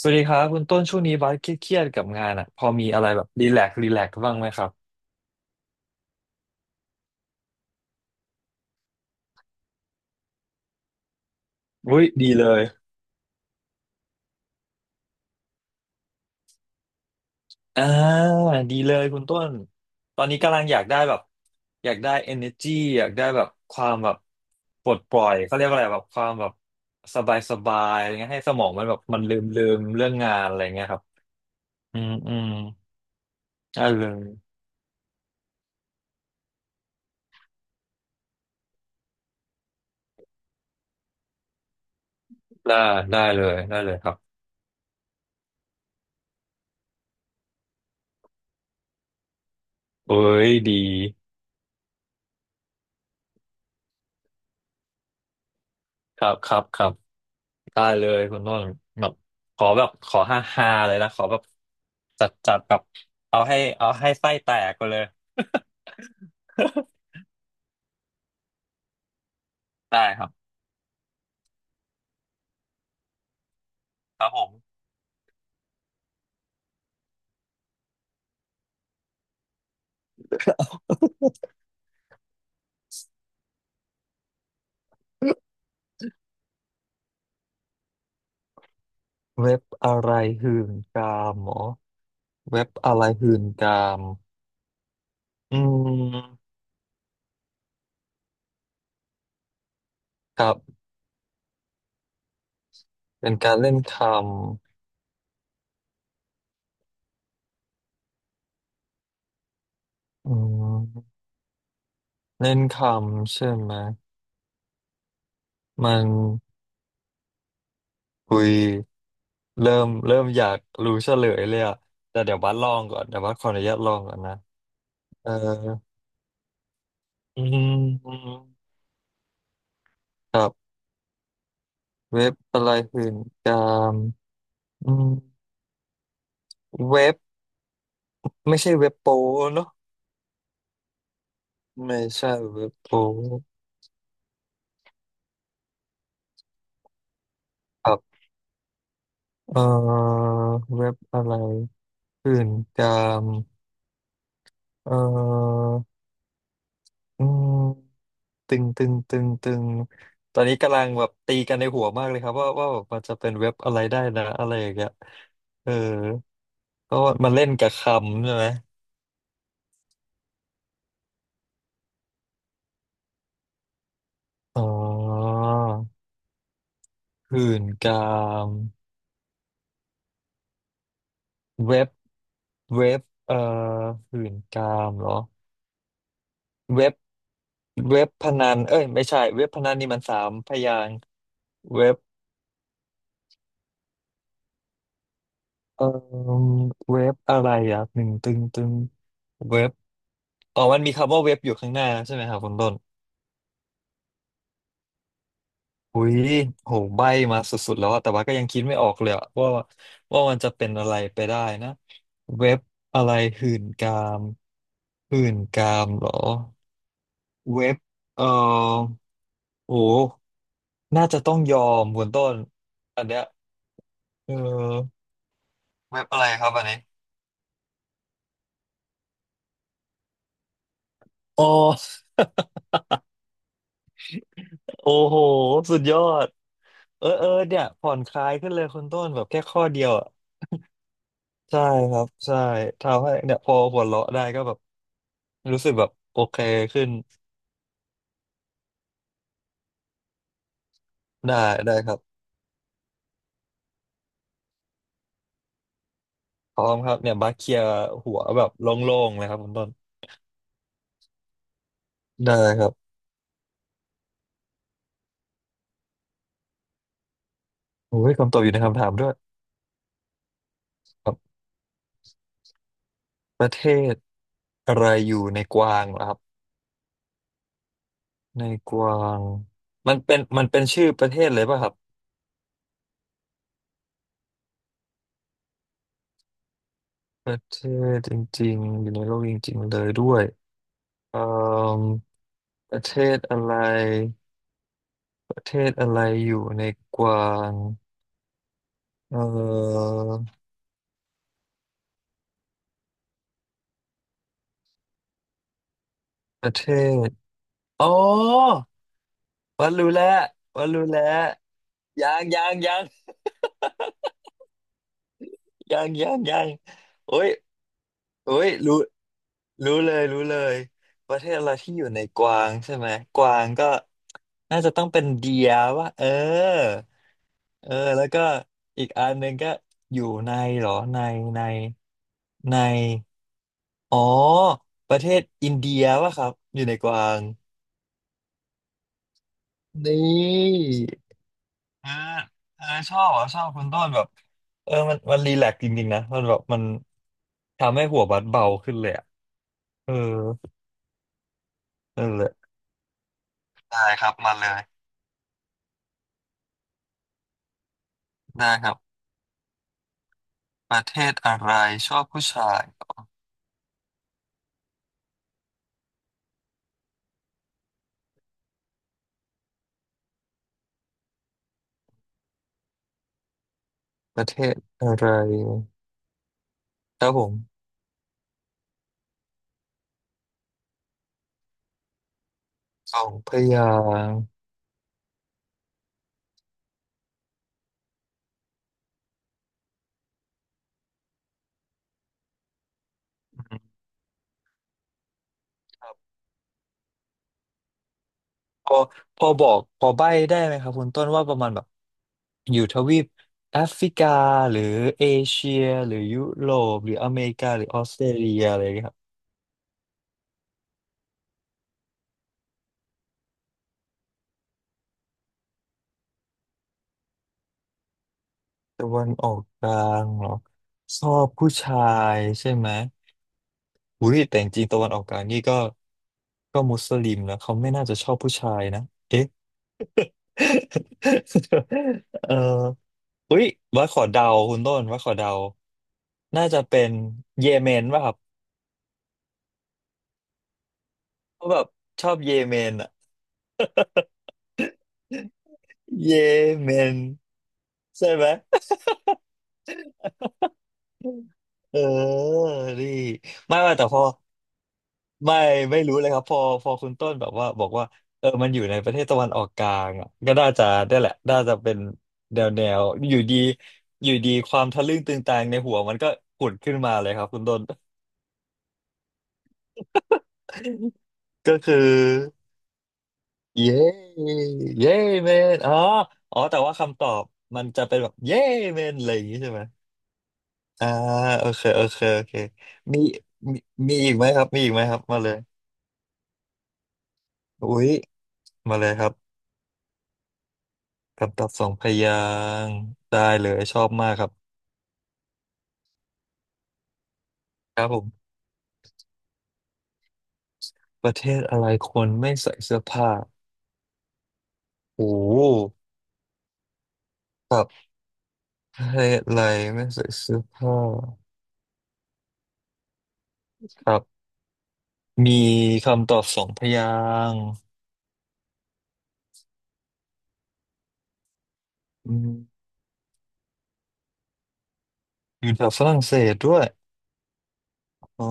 สวัสดีครับคุณต้นช่วงนี้บาสเครียดๆกับงานอ่ะพอมีอะไรแบบรีแลกซ์บ้างไหมครับอุ้ยดีเลยอ่าดีเลยคุณต้นตอนนี้กำลังอยากได้แบบอยากได้ energy อยากได้แบบความแบบปลดปล่อยเขาเรียกว่าอะไรแบบความแบบสบายอะไรเงี้ยให้สมองมันแบบมันลืมเรื่องงานอะไรเงี้ยครับอืมได้เลยได้ได้เลยได้เลยครับเอ้ยดี ครับครับครับได้เลยคุณต้นแบบขอแบบขอฮาฮาเลยนะขอแบบจัดแบบเอาให้เอาให้ไส้แตกไปเลย ได้ครับครับผมเว็บอะไรหื่นกามหมอเว็บอะไรหื่นกามอืมครับเป็นการเล่นคำอืมเล่นคำใช่ไหมมันคุย เริ่มอยากรู้เฉลยเลยอะแต่เดี๋ยวบัสลองก่อนเดี๋ยวบัสขออนุญาตลองก่อนนะเอออืมครับเว็บอะไรหื่นกามอืมเว็บไม่ใช่เว็บโปเนอะไม่ใช่เว็บโปครับเออเว็บอะไรหื่นกามเอออืมตึงตึงตอนนี้กำลังแบบตีกันในหัวมากเลยครับว่าแบบมันจะเป็นเว็บอะไรได้นะอะไรอย่างเงี้ยเออ ก็มันเล่นกับคำใช่ไหมอ๋อหื่นกามเว็บเว็บเอ่อหื่นกามเหรอเว็บเว็บพนันเอ้ยไม่ใช่เว็บพนันนี่มันสามพยางค์เว็บเอ่อเว็บอะไรอ่ะหนึ่งตึงตึงเว็บอ๋อมันมีคำว่าเว็บอยู่ข้างหน้าใช่ไหมครับคุณต้น อุ้ยโหใบ้มาสุดๆแล้วอะแต่ว่าก็ยังคิดไม่ออกเลยอะว่ามันจะเป็นอะไรไปได้นะเว็บอะไรหื่นกามหื่นกามเหรอเว็บเออโอ้น่าจะต้องยอมคุณต้นอันเนี้ยเออเว็บอะไรครับอันนี้อ๋อโอ้โหสุดยอดเออเออเนี่ยผ่อนคลายขึ้นเลยคุณต้นแบบแค่ข้อเดียวอะใช่ครับใช่ทำให้เนี่ยพอหัวเราะได้ก็แบบรู้สึกแบบโอเคขึ้น ได้ได้ครับพร้อมครับเนี่ยบัคเคลียร์หัวแบบโล่งๆเลยครับคุณต้นได้ครับโอ้ยคำตอบอยู่ในคำถามด้วยครับประเทศอะไรอยู่ในกวางเหรอครับในกวางมันเป็นชื่อประเทศเลยป่ะครับประเทศจริงๆอยู่ในโลกจริงๆเลยด้วยเอ่อประเทศอะไรประเทศอะไรอยู่ในกวางเอ่อประเทศอ๋อวันรู้แล้ววันรู้แล้วยังยังยัง ยังยังยังโอ้ยโอ้ยรู้รู้เลยรู้เลยประเทศอะไรที่อยู่ในกวางใช่ไหมกวางก็น่าจะต้องเป็นเดียว่าเออเออแล้วก็อีกอันหนึ่งก็อยู่ในเหรอในในในอ๋อประเทศอินเดียว่าครับอยู่ในกวางนี่เออเออชอบอ่ะชอบคุณต้นแบบเออมันรีแลกซ์จริงๆนะมันแบบมันทำให้หัวบัดเบาขึ้นเลยอ่ะเออ นั่นแหละได้ครับมาเลยได้ครับประเทศอะไรชอบผู้ชายประเทศอะไรครับผมสองพยางค์อืมครับพอพอบอกพอใบ้ได้ไหมครับคุณต้นว่าประมาณแบบอยู่ทวีปแอฟริกาหรือเอเชียหรือยุโรปหรืออเมริกาหรือออสเตรเลียอะไรอย่างเงี้ยครับ ตะวันออกกลางเหรอชอบผู้ชายใช่ไหมอุ้ยแต่จริงๆตะวันออกกลางนี่ก็ก็มุสลิมนะเขาไม่น่าจะชอบผู้ชายนะเอ๊ะ เอออุ้ยว่าขอเดาคุณต้นว่าขอเดาน่าจะเป็นเยเมนป่ะครับ เพราะแบบชอบเยเมนอะเยเมนใช่ไหม เออดีไม่ไม่แต่พอไม่ไม่รู้เลยครับพอพอคุณต้นแบบว่าบอกว่าเออมันอยู่ในประเทศตะวันออกกลางอ่ะก็น่าจะได้แหละน่าจะเป็นแนวอยู่ดีอยู่ดีความทะลึ่งตึงตังในหัวมันก็ผุดขึ้นมาเลยครับคุณต้น ก็คือเย้เย้เมนอ๋ออ๋อแต่ว่าคำตอบมันจะเป็นแบบเย้เมนอะไรอย่างนี้ใช่ไหมอ่าโอเคโอเคโอเคมีมีมีอีกไหมครับมีอีกไหมครับมาเลยอุ้ย มาเลยครับคำตอบสองพยางค์ได้เลยชอบมากครับครับผมประเทศอะไรคนไม่ใส่เสื้อผ้าโอ้โหครับประเทศอะไรไม่ใส่เสื้อผ้าครับมีคำตอบสองพยางค์อืมอยู่แถวฝรั่งเศสด้วยอ๋อ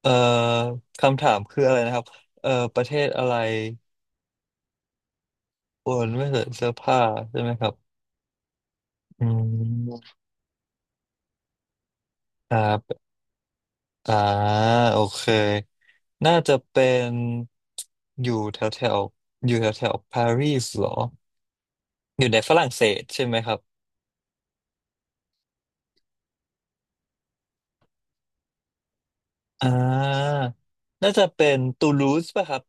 เอ่อคำถามคืออะไรนะครับเอ่อประเทศอะไรคนไม่ใส่เสื้อผ้าใช่ไหมครับอืมครับอ่าโอเค น่าจะเป็นอยู่แถวแถวอยู่แถวแถวปารีสเหรออยู่ในฝรั่งเศสใช่ไหมครับอ่าน่าจะเป็นตูลูสป่ะครับ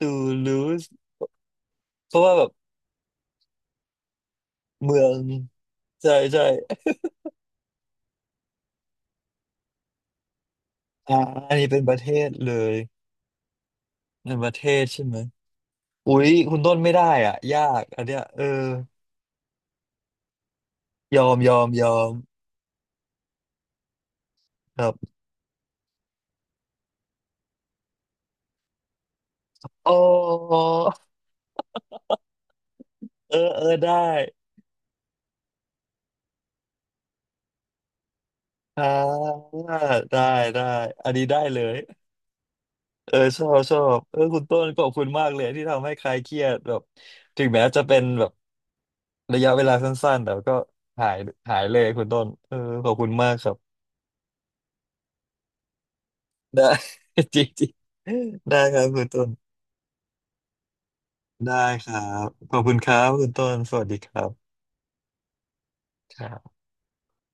ตูลูสเพราะว่าแบบเมืองใช่ใช่อ่าอันนี้เป็นประเทศเลยเป็นประเทศใช่ไหมอุ๊ยคุณต้นไม่ได้อ่ะยากอันเนี้ยเออยอมยอมยอมครับอ๋อเออเออได้อ่าได้ได้ได้อันนี้ได้เลย เออชอบชอบเออคุณต้นขอบคุณมากเลยที่ทำให้คลายเครียดแบบถึงแม้จะเป็นแบบระยะเวลาสั้นๆแต่ก็หายหายเลยคุณต้นเออขอบคุณมากครับได้ จริงจริงได้ครับคุณต้นได้ครับขอบคุณครับคุณต้นสวัสดีครับ